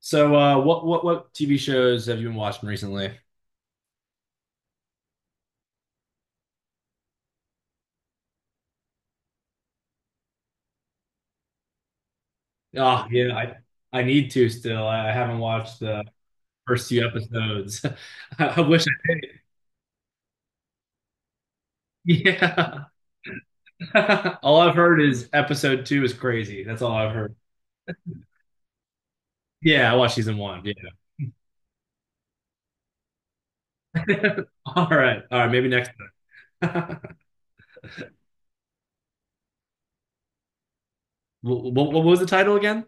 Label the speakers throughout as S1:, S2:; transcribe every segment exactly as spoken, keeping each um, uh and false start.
S1: So, uh, what what what T V shows have you been watching recently? Oh, yeah, I I need to still. I, haven't watched the first few episodes. I wish I, yeah. All I've heard is episode two is crazy. That's all I've heard. Yeah, I watched season one. Yeah. All right. All right, maybe next time. What, what, what was the title again?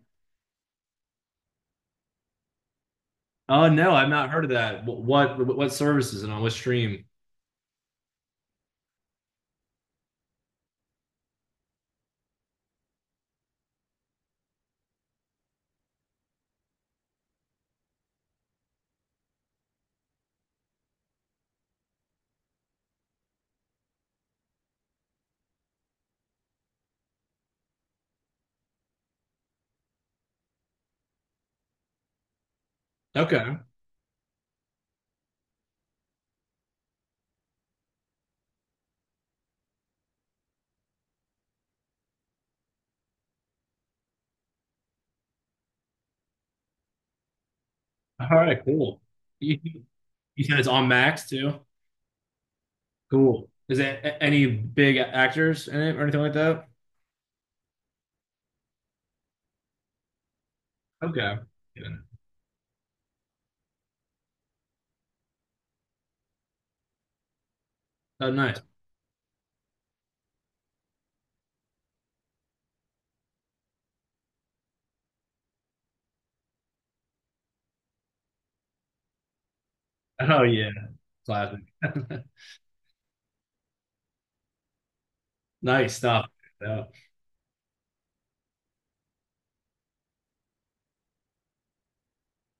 S1: Oh no, I've not heard of that. Wh- What what, what services and on what stream? Okay. All right, cool. You, you said it's on Max too? Cool. Is there a- any big actors in it or anything like that? Okay. Yeah. Oh, nice. Oh, yeah. Classic. Nice stuff. Yeah.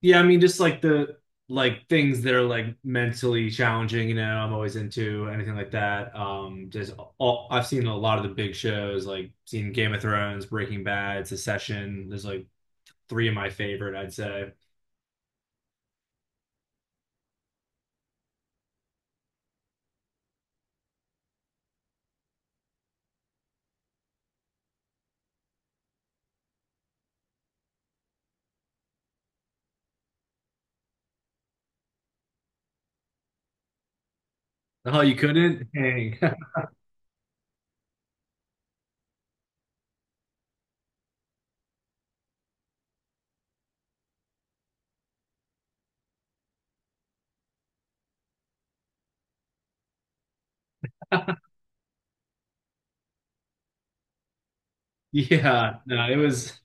S1: Yeah, I mean, just like the like things that are like mentally challenging, you know, I'm always into anything like that. Um, just all I've seen a lot of the big shows, like seen Game of Thrones, Breaking Bad, Succession. There's like three of my favorite, I'd say. Oh, you couldn't? Dang. Yeah, no, it was.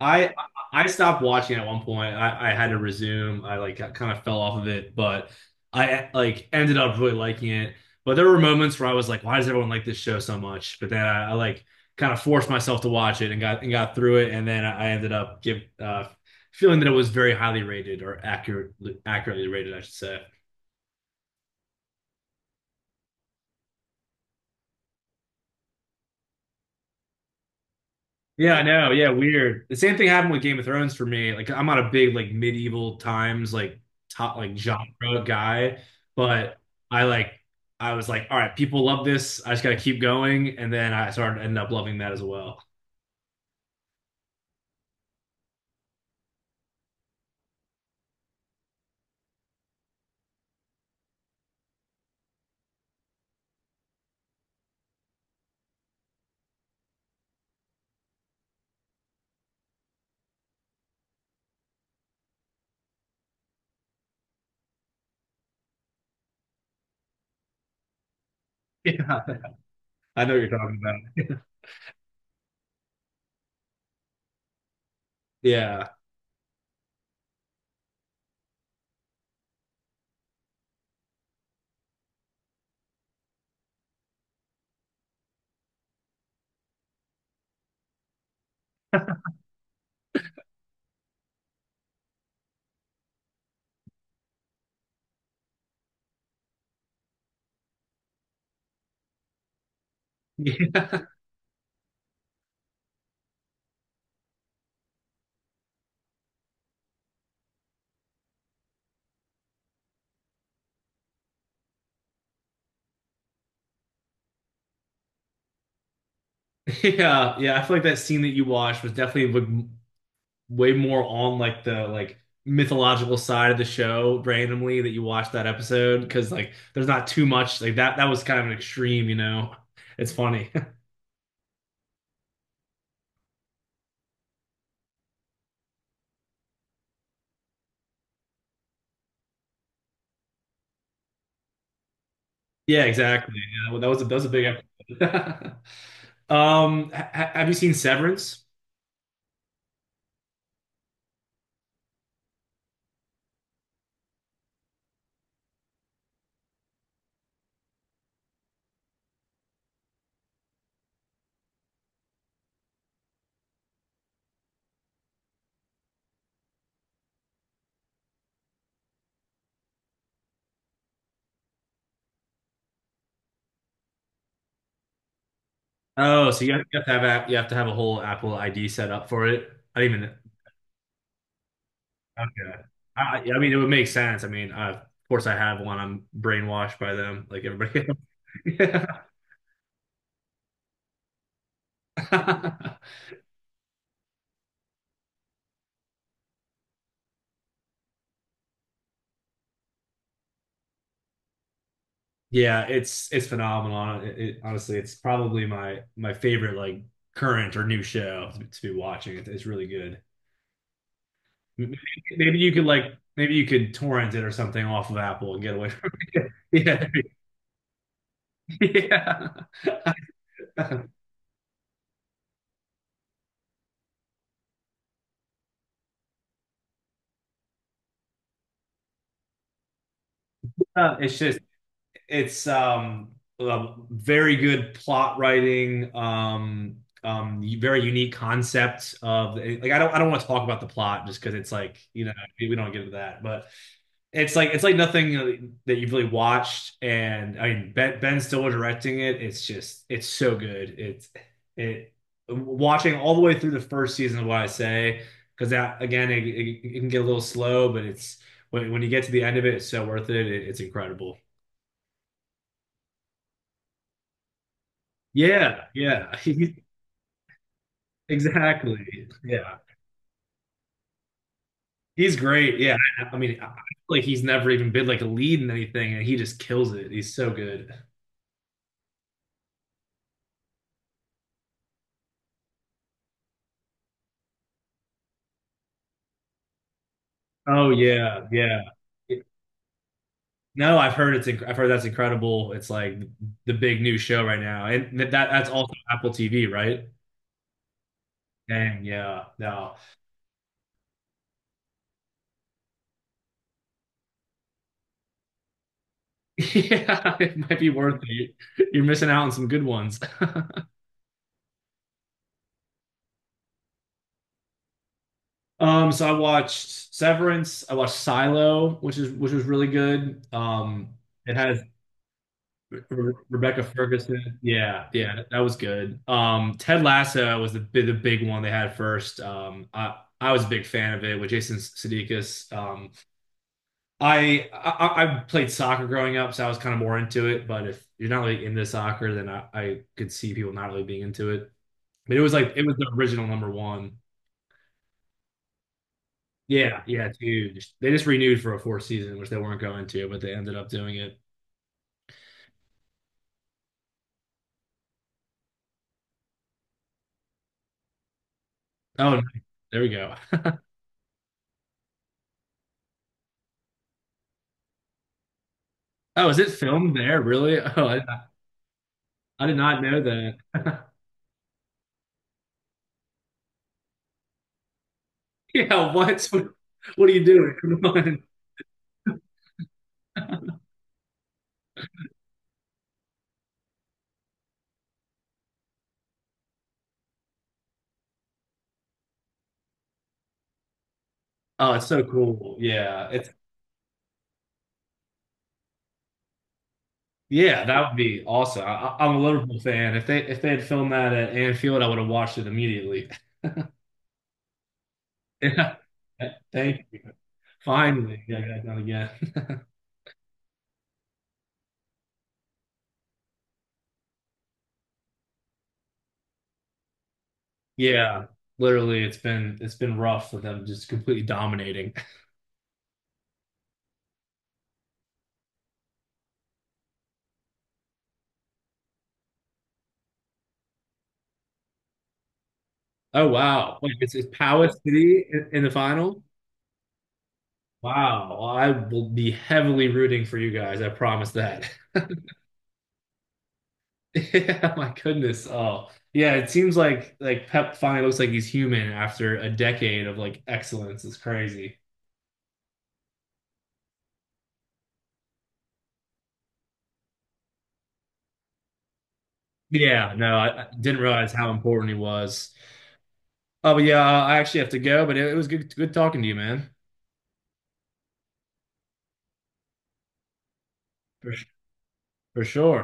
S1: I I stopped watching at one point. I, I had to resume. I like kind of fell off of it, but I like ended up really liking it. But there were moments where I was like, why does everyone like this show so much? But then I, I like kind of forced myself to watch it and got and got through it, and then I ended up give uh, feeling that it was very highly rated or accurate accurately rated, I should say. Yeah, I know. Yeah, weird. The same thing happened with Game of Thrones for me. Like, I'm not a big like medieval times like top like genre guy, but I like I was like, all right, people love this. I just got to keep going, and then I started ended up loving that as well. Yeah, I know what you're talking about. Yeah. Yeah, yeah, yeah. I feel like that scene that you watched was definitely like way more on like the like mythological side of the show randomly that you watch that episode because like there's not too much like that, that was kind of an extreme, you know, it's funny. Yeah, exactly. Yeah, well, that was a that was a big episode. Um ha ha- have you seen Severance? Oh, so you have, you have to have app you have to have a whole Apple I D set up for it, I didn't even, okay. I, I mean it would make sense. I mean, uh, of course I have one, I'm brainwashed by them like everybody else. Yeah. Yeah, it's it's phenomenal. It, it- honestly, it's probably my my favorite like current or new show to, to be watching. It, it's really good. M- Maybe you could like maybe you could torrent it or something off of Apple and get away from it. Yeah, yeah. Uh, it's just it's um uh, very good plot writing, um um very unique concept of like, I don't I don't want to talk about the plot just because it's like, you know, we don't get into that. But it's like, it's like nothing, you know, that you've really watched. And I mean, Ben Ben Stiller directing it, it's just it's so good, it's it watching all the way through the first season of what I say, because that again, it, it, it can get a little slow, but it's when, when you get to the end of it, it's so worth it, it it's incredible. Yeah, yeah, he, exactly. Yeah, he's great. Yeah, I, I mean, I, I feel like he's never even been like a lead in anything, and he just kills it. He's so good. Oh yeah, yeah. It- No, I've heard it's inc- I've heard that's incredible. It's like the big new show right now, and that that's also Apple T V, right? Dang, yeah, no, yeah, it might be worth it. You're missing out on some good ones. Um, so I watched Severance. I watched Silo, which is which was really good. Um, it has Re- Rebecca Ferguson. Yeah, yeah, that was good. Um, Ted Lasso was the bi- the big one they had first. Um, I I was a big fan of it with Jason Sudeikis. Um, I, I I played soccer growing up, so I was kind of more into it. But if you're not really into soccer, then I, I could see people not really being into it. But it was like it was the original number one. Yeah, yeah, it's huge. They just renewed for a fourth season, which they weren't going to, but they ended up doing it. Oh, there we go. Oh, is it filmed there? Really? Oh, I I did not know that. Yeah, what? What are you doing? Come on. Oh, it's so cool. Yeah, it's yeah, that would be awesome. I, I- am a Liverpool fan. If they if they had filmed that at Anfield, I would have watched it immediately. Yeah. Thank you. Finally, yeah, yeah, not again. Yeah, literally, it's been it's been rough for them, just completely dominating. Oh wow, wait, it's, it's Power City in, in the final. Wow, I will be heavily rooting for you guys. I promise that. Yeah, my goodness. Oh, yeah. It seems like like Pep finally looks like he's human after a decade of like excellence. It's crazy. Yeah, no, I, I didn't realize how important he was. Oh, but yeah, I actually have to go. But it, it was good, good talking to you, man. For, for sure.